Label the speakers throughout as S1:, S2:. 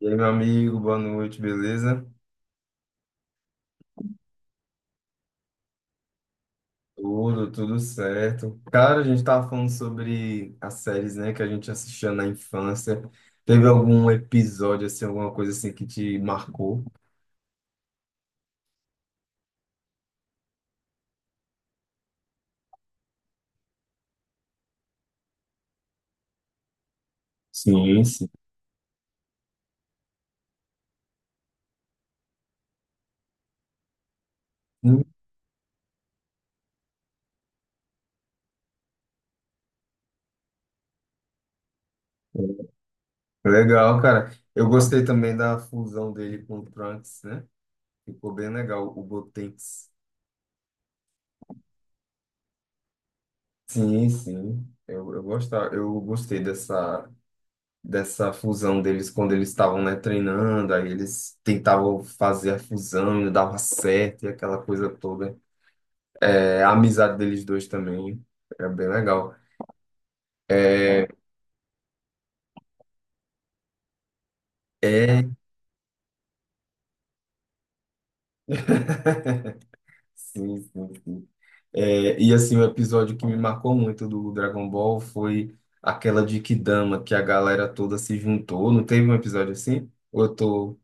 S1: E aí, meu amigo, boa noite, beleza? Tudo certo. Cara, a gente tava falando sobre as séries, né, que a gente assistia na infância. Teve algum episódio, assim, alguma coisa assim que te marcou? Sim, sim. Legal, cara. Eu gostei também da fusão dele com o Trunks, né? Ficou bem legal, o Gotenks. Sim, sim. Eu gostava, eu gostei dessa. Dessa fusão deles quando eles estavam, né, treinando, aí eles tentavam fazer a fusão e não dava certo e aquela coisa toda. É, a amizade deles dois também é bem legal. É, é. Sim, sim, sim. É, e assim, o episódio que me marcou muito do Dragon Ball foi aquela de Kidama, que a galera toda se juntou. Não teve um episódio assim? Ou eu tô.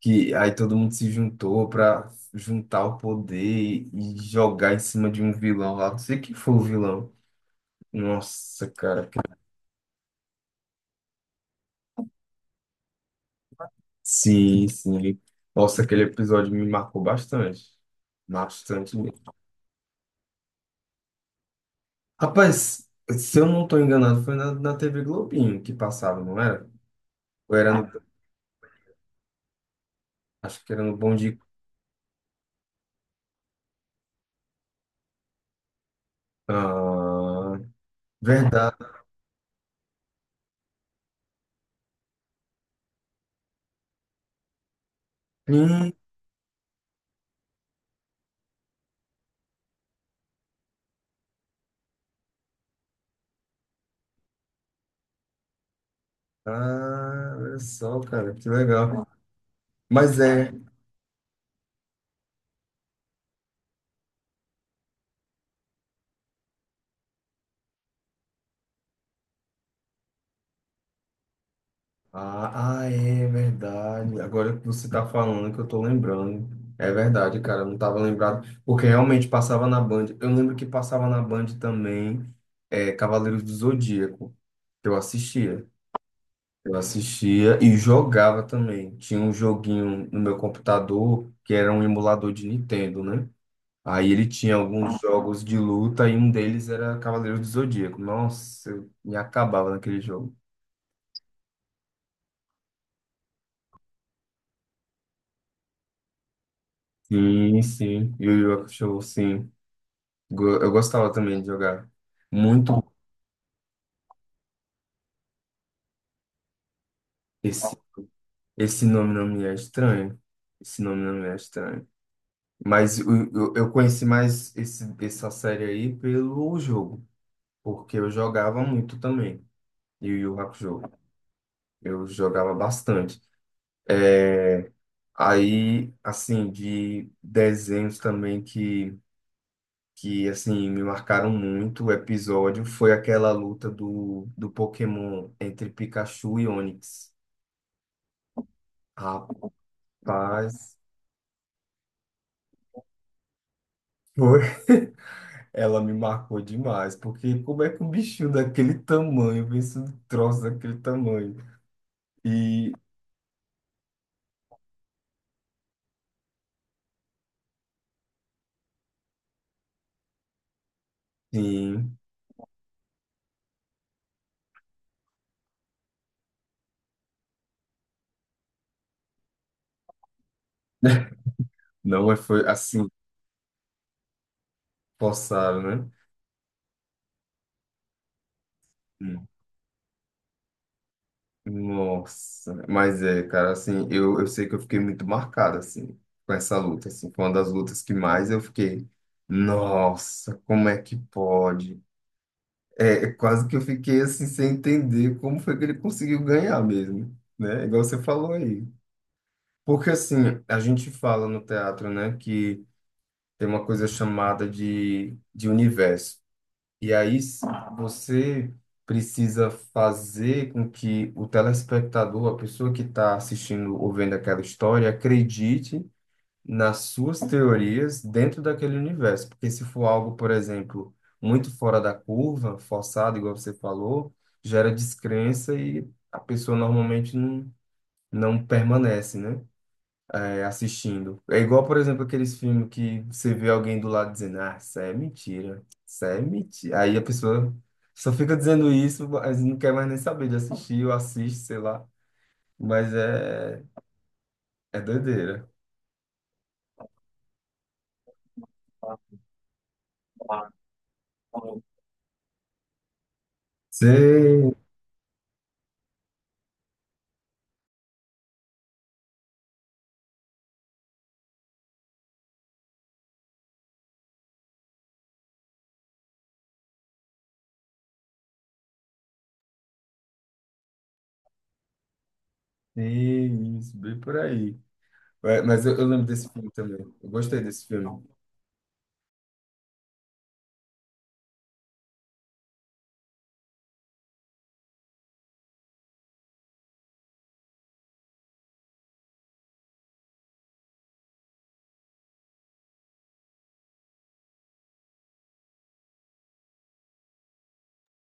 S1: Que aí todo mundo se juntou pra juntar o poder e jogar em cima de um vilão lá. Não sei quem foi o vilão. Nossa, cara. Sim, sim. Nossa, aquele episódio me marcou bastante. Bastante mesmo. Rapaz, se eu não tô enganado, foi na TV Globinho que passava, não era? Ou era no, acho que era no Bom Dia. Ah, verdade. Hum. Ah, olha só, cara, que legal. Mas é. Ah, ah, é verdade. Agora que você tá falando que eu tô lembrando. É verdade, cara, eu não tava lembrado. Porque realmente passava na Band. Eu lembro que passava na Band também é, Cavaleiros do Zodíaco, que eu assistia. Eu assistia e jogava também. Tinha um joguinho no meu computador que era um emulador de Nintendo, né? Aí ele tinha alguns jogos de luta e um deles era Cavaleiros do Zodíaco. Nossa, eu me acabava naquele jogo. Sim, sim. Yu Yu Hakusho, sim. Eu gostava também de jogar. Muito. Esse, esse nome não me é estranho. Esse nome não me é estranho. Mas eu conheci mais esse, essa série aí pelo jogo, porque eu jogava muito também. E o Yu Yu Hakusho, eu jogava bastante. É, aí, assim, de desenhos também que assim, me marcaram muito o episódio foi aquela luta do, do Pokémon entre Pikachu e Onix. Rapaz. Foi. Ela me marcou demais, porque como é que um bichinho daquele tamanho vence um troço daquele tamanho? E, sim, não é- foi assim, forçado, né? Hum. Nossa, mas é, cara, assim, eu sei que eu fiquei muito marcado, assim, com essa luta, assim, foi uma das lutas que mais eu fiquei, nossa, como é que pode? É, é quase que eu fiquei, assim, sem entender como foi que ele conseguiu ganhar mesmo, né? Igual você falou aí. Porque assim, a gente fala no teatro, né, que tem uma coisa chamada de universo. E você precisa fazer com que o telespectador, a pessoa que está assistindo ou vendo aquela história, acredite nas suas teorias dentro daquele universo. Porque se for algo, por exemplo, muito fora da curva, forçado, igual você falou, gera descrença e a pessoa normalmente não, não permanece, né? É, assistindo. É igual, por exemplo, aqueles filmes que você vê alguém do lado dizendo, ah, isso aí é mentira, isso aí é mentira. Aí a pessoa só fica dizendo isso, mas não quer mais nem saber de assistir, ou assiste, sei lá. Mas é, é doideira. Sei, sim, isso, bem por aí. É, mas eu lembro desse filme também. Eu gostei desse filme.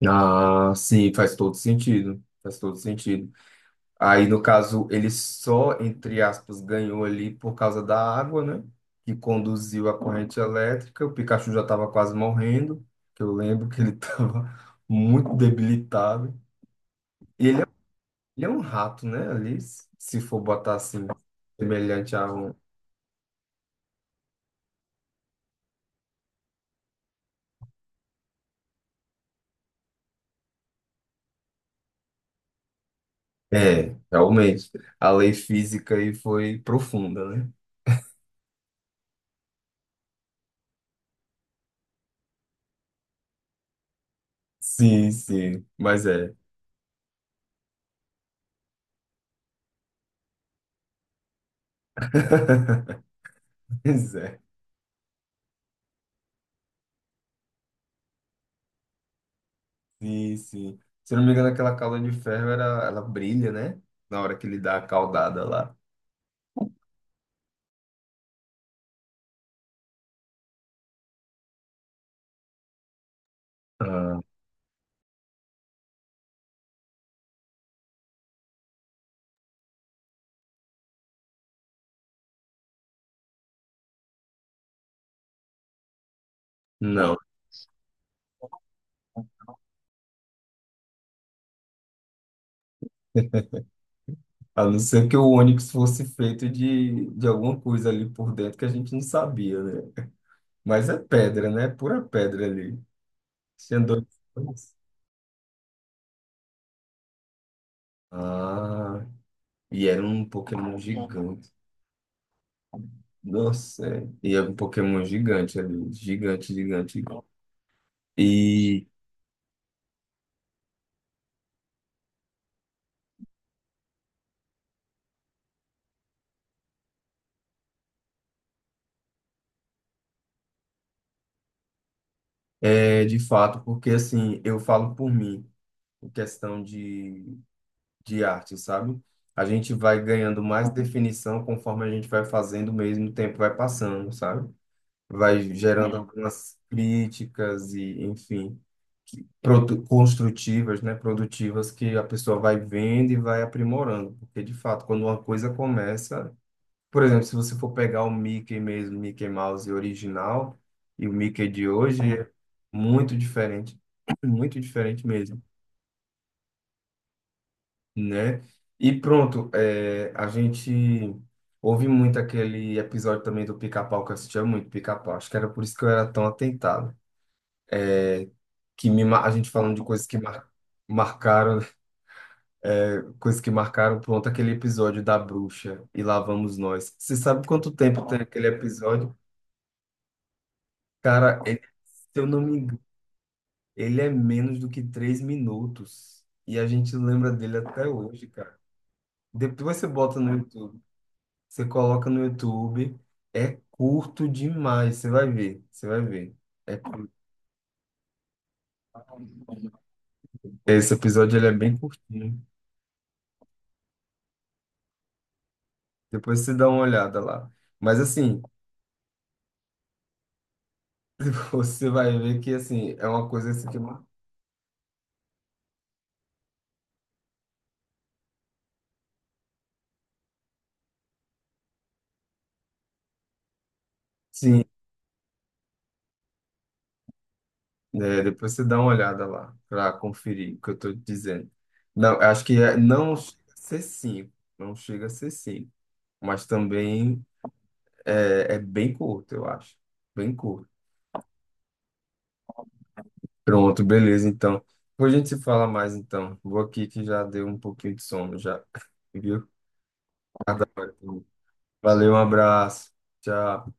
S1: Ah, sim, faz todo sentido. Faz todo sentido. Aí, no caso, ele só, entre aspas, ganhou ali por causa da água, né? Que conduziu a corrente elétrica. O Pikachu já estava quase morrendo, que eu lembro que ele estava muito debilitado. E ele é um rato, né? Ali, se for botar assim, semelhante a um. É, realmente. A lei física aí foi profunda, né? Sim, sim. Mas é. Pois é. Sim, sim. Se eu não me engano, aquela calda de ferro, era, ela brilha, né? Na hora que ele dá a caudada lá. Ah, não. A não ser que o Onix fosse feito de alguma coisa ali por dentro que a gente não sabia, né? Mas é pedra, né? Pura pedra ali. Tinha dois. Ah, e era um Pokémon gigante. Nossa, é. E era um Pokémon gigante ali. Gigante, gigante. E é de fato, porque assim, eu falo por mim, em questão de arte, sabe? A gente vai ganhando mais definição conforme a gente vai fazendo mesmo, o tempo vai passando, sabe? Vai gerando sim. Algumas críticas e, enfim, construtivas, né? Produtivas que a pessoa vai vendo e vai aprimorando. Porque, de fato, quando uma coisa começa... Por exemplo, se você for pegar o Mickey mesmo, Mickey Mouse original e o Mickey de hoje, é muito diferente. Muito diferente mesmo. Né? E pronto, é, a gente ouve muito aquele episódio também do Pica-Pau, que eu assistia muito Pica-Pau. Acho que era por isso que eu era tão atentado. A gente falando de coisas que marcaram, coisas que marcaram, pronto, aquele episódio da bruxa e lá vamos nós. Você sabe quanto tempo tem aquele episódio? Cara, se eu não me engano, ele é menos do que 3 minutos. E a gente lembra dele até hoje, cara. Depois você bota no YouTube. Você coloca no YouTube, é curto demais, você vai ver, você vai ver. É curto. Esse episódio ele é bem curtinho. Depois você dá uma olhada lá. Mas assim, você vai ver que assim, é uma coisa assim que sim, né? Depois você dá uma olhada lá para conferir o que eu tô dizendo. Não, eu acho que é, não chega a ser cinco, não chega a ser cinco, mas também é, é bem curto, eu acho. Bem curto. Pronto, beleza, então. Depois a gente se fala mais, então. Vou aqui que já deu um pouquinho de sono, já. Viu? Cada hora. Valeu, um abraço. Tchau.